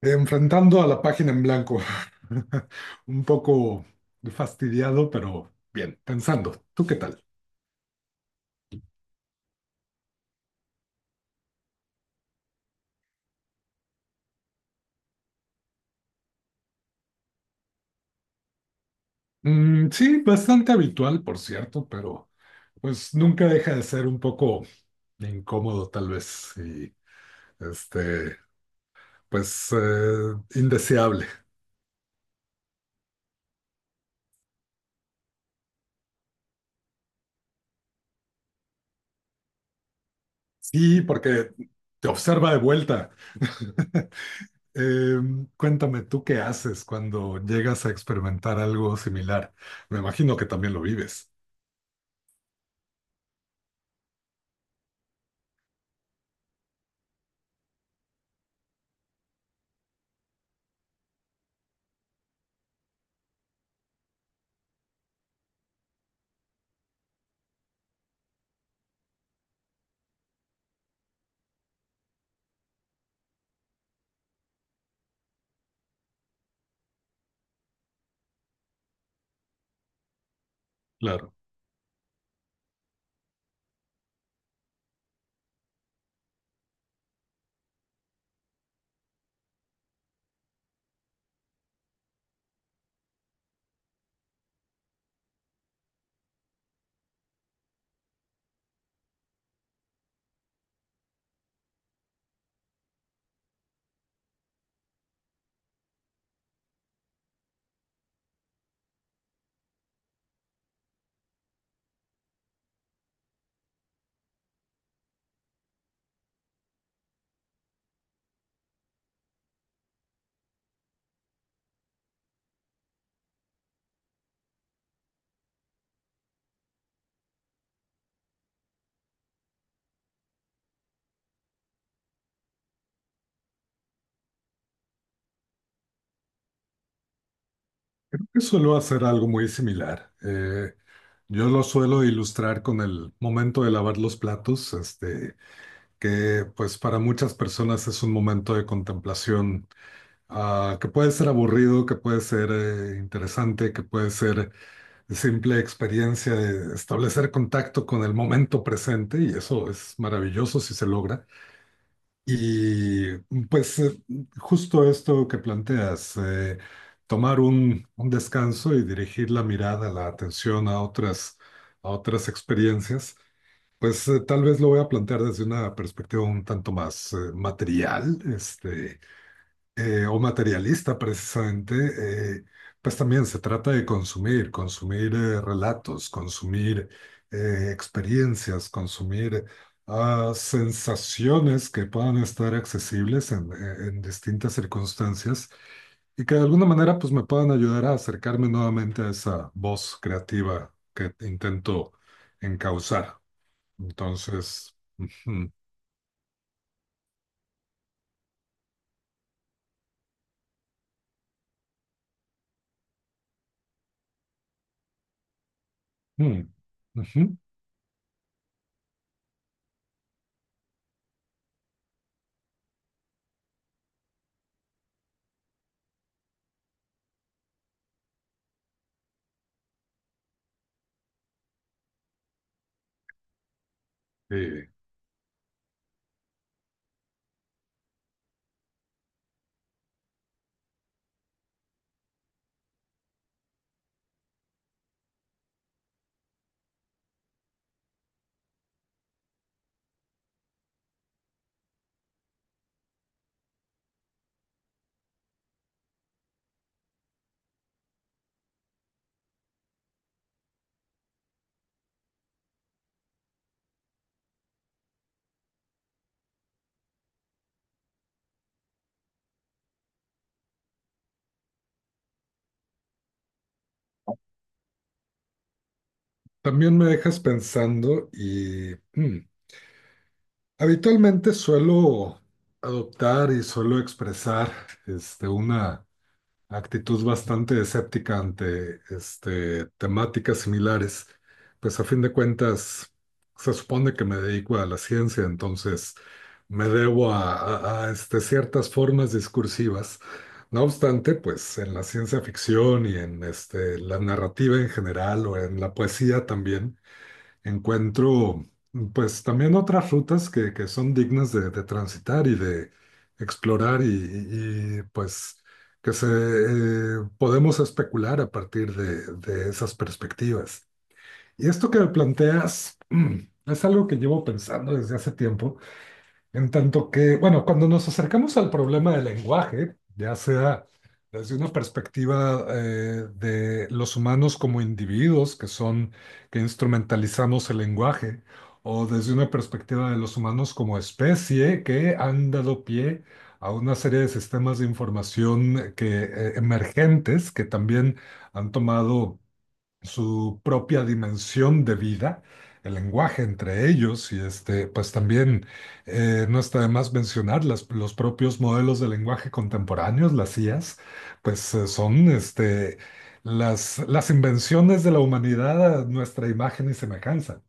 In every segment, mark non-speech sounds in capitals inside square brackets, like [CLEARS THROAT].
Enfrentando a la página en blanco. [LAUGHS] Un poco fastidiado, pero bien, pensando. ¿Tú qué tal? Sí, bastante habitual, por cierto, pero pues nunca deja de ser un poco incómodo, tal vez, y este, pues indeseable. Sí, porque te observa de vuelta. [LAUGHS] Eh, cuéntame, ¿tú qué haces cuando llegas a experimentar algo similar? Me imagino que también lo vives. Claro. Suelo hacer algo muy similar. Yo lo suelo ilustrar con el momento de lavar los platos, que pues para muchas personas es un momento de contemplación, que puede ser aburrido, que puede ser interesante, que puede ser simple experiencia de establecer contacto con el momento presente, y eso es maravilloso si se logra. Y pues justo esto que planteas, tomar un descanso y dirigir la mirada, la atención a a otras experiencias, pues tal vez lo voy a plantear desde una perspectiva un tanto más material, o materialista precisamente, eh, pues también se trata de consumir, consumir relatos, consumir experiencias, consumir sensaciones que puedan estar accesibles en distintas circunstancias, y que de alguna manera pues me puedan ayudar a acercarme nuevamente a esa voz creativa que intento encauzar. Entonces, ujú, ujú, ujú, sí. También me dejas pensando y habitualmente suelo adoptar y suelo expresar una actitud bastante escéptica ante temáticas similares. Pues a fin de cuentas se supone que me dedico a la ciencia, entonces me debo a ciertas formas discursivas. No obstante, pues en la ciencia ficción y en la narrativa en general o en la poesía también encuentro pues también otras rutas que son dignas de transitar y de explorar y pues que se podemos especular a partir de esas perspectivas. Y esto que planteas [CLEARS THROAT] es algo que llevo pensando desde hace tiempo. En tanto que, bueno, cuando nos acercamos al problema del lenguaje, ya sea desde una perspectiva de los humanos como individuos que son, que instrumentalizamos el lenguaje, o desde una perspectiva de los humanos como especie que han dado pie a una serie de sistemas de información emergentes que también han tomado su propia dimensión de vida, el lenguaje entre ellos, y pues también no está de más mencionar los propios modelos de lenguaje contemporáneos, las IAs, pues son las invenciones de la humanidad a nuestra imagen y semejanza.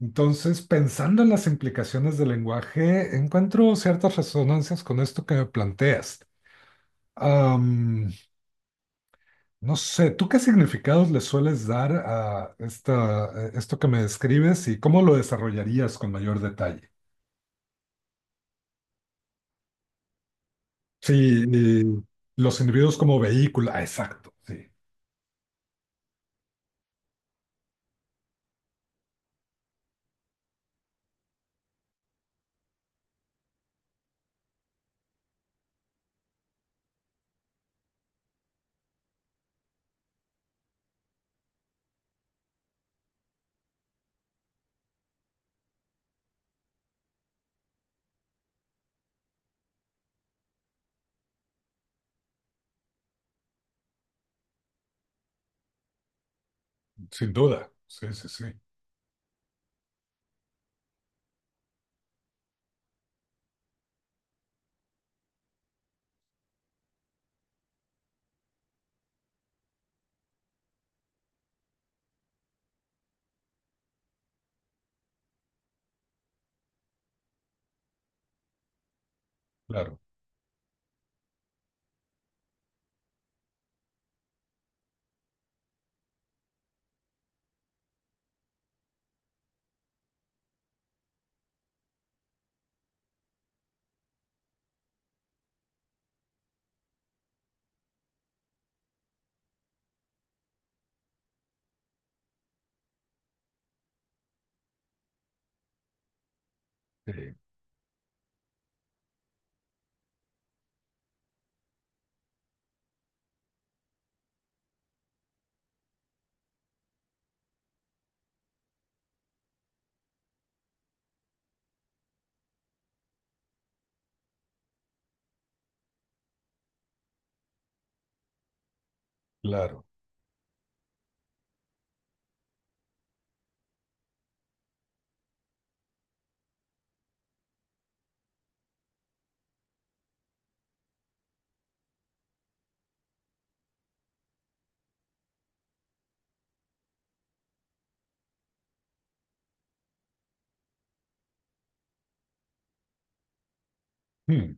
Entonces, pensando en las implicaciones del lenguaje, encuentro ciertas resonancias con esto que me planteas. Am, no sé, ¿tú qué significados le sueles dar a esta, a esto que me describes y cómo lo desarrollarías con mayor detalle? Sí, y los individuos como vehículo, ah, exacto, sí, sin duda, sí, sí, sí, claro, sí, claro. Hmm.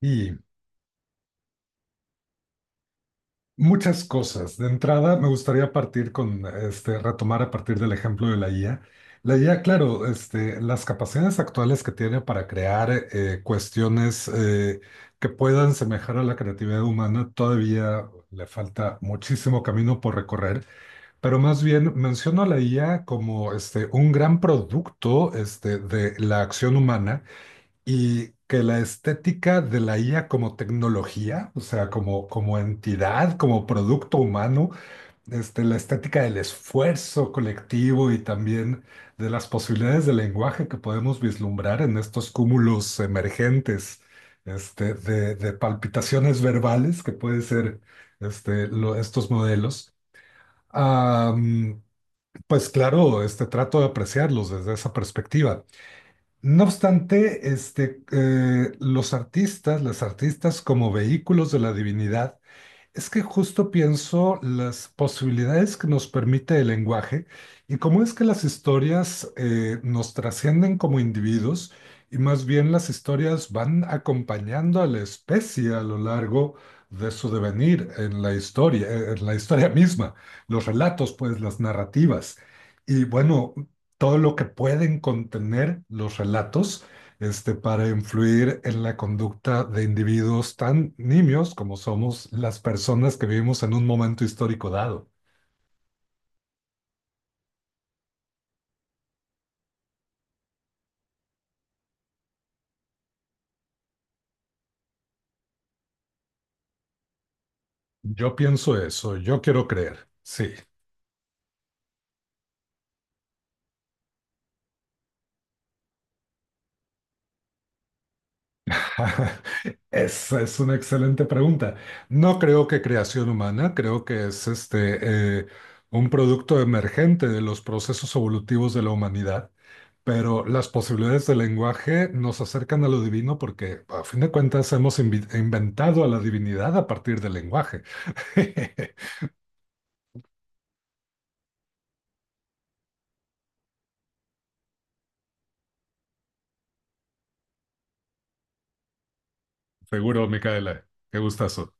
Y muchas cosas. De entrada, me gustaría partir con, retomar a partir del ejemplo de la IA. La IA, claro, las capacidades actuales que tiene para crear cuestiones que puedan semejar a la creatividad humana, todavía le falta muchísimo camino por recorrer, pero más bien menciono a la IA como un gran producto de la acción humana, y que la estética de la IA como tecnología, o sea, como, como entidad, como producto humano, la estética del esfuerzo colectivo, y también de las posibilidades de lenguaje que podemos vislumbrar en estos cúmulos emergentes, de palpitaciones verbales que pueden ser estos modelos. Ah, pues claro, trato de apreciarlos desde esa perspectiva. No obstante, los artistas, las artistas como vehículos de la divinidad, es que justo pienso las posibilidades que nos permite el lenguaje y cómo es que las historias nos trascienden como individuos, y más bien las historias van acompañando a la especie a lo largo de su devenir en la historia misma, los relatos, pues las narrativas, y bueno, todo lo que pueden contener los relatos para influir en la conducta de individuos tan nimios como somos las personas que vivimos en un momento histórico dado. Yo pienso eso, yo quiero creer. Sí. [LAUGHS] Esa es una excelente pregunta. No creo que creación humana, creo que es un producto emergente de los procesos evolutivos de la humanidad. Pero las posibilidades del lenguaje nos acercan a lo divino porque, a fin de cuentas, hemos inventado a la divinidad a partir del lenguaje. [LAUGHS] Seguro, Micaela. Qué gustazo.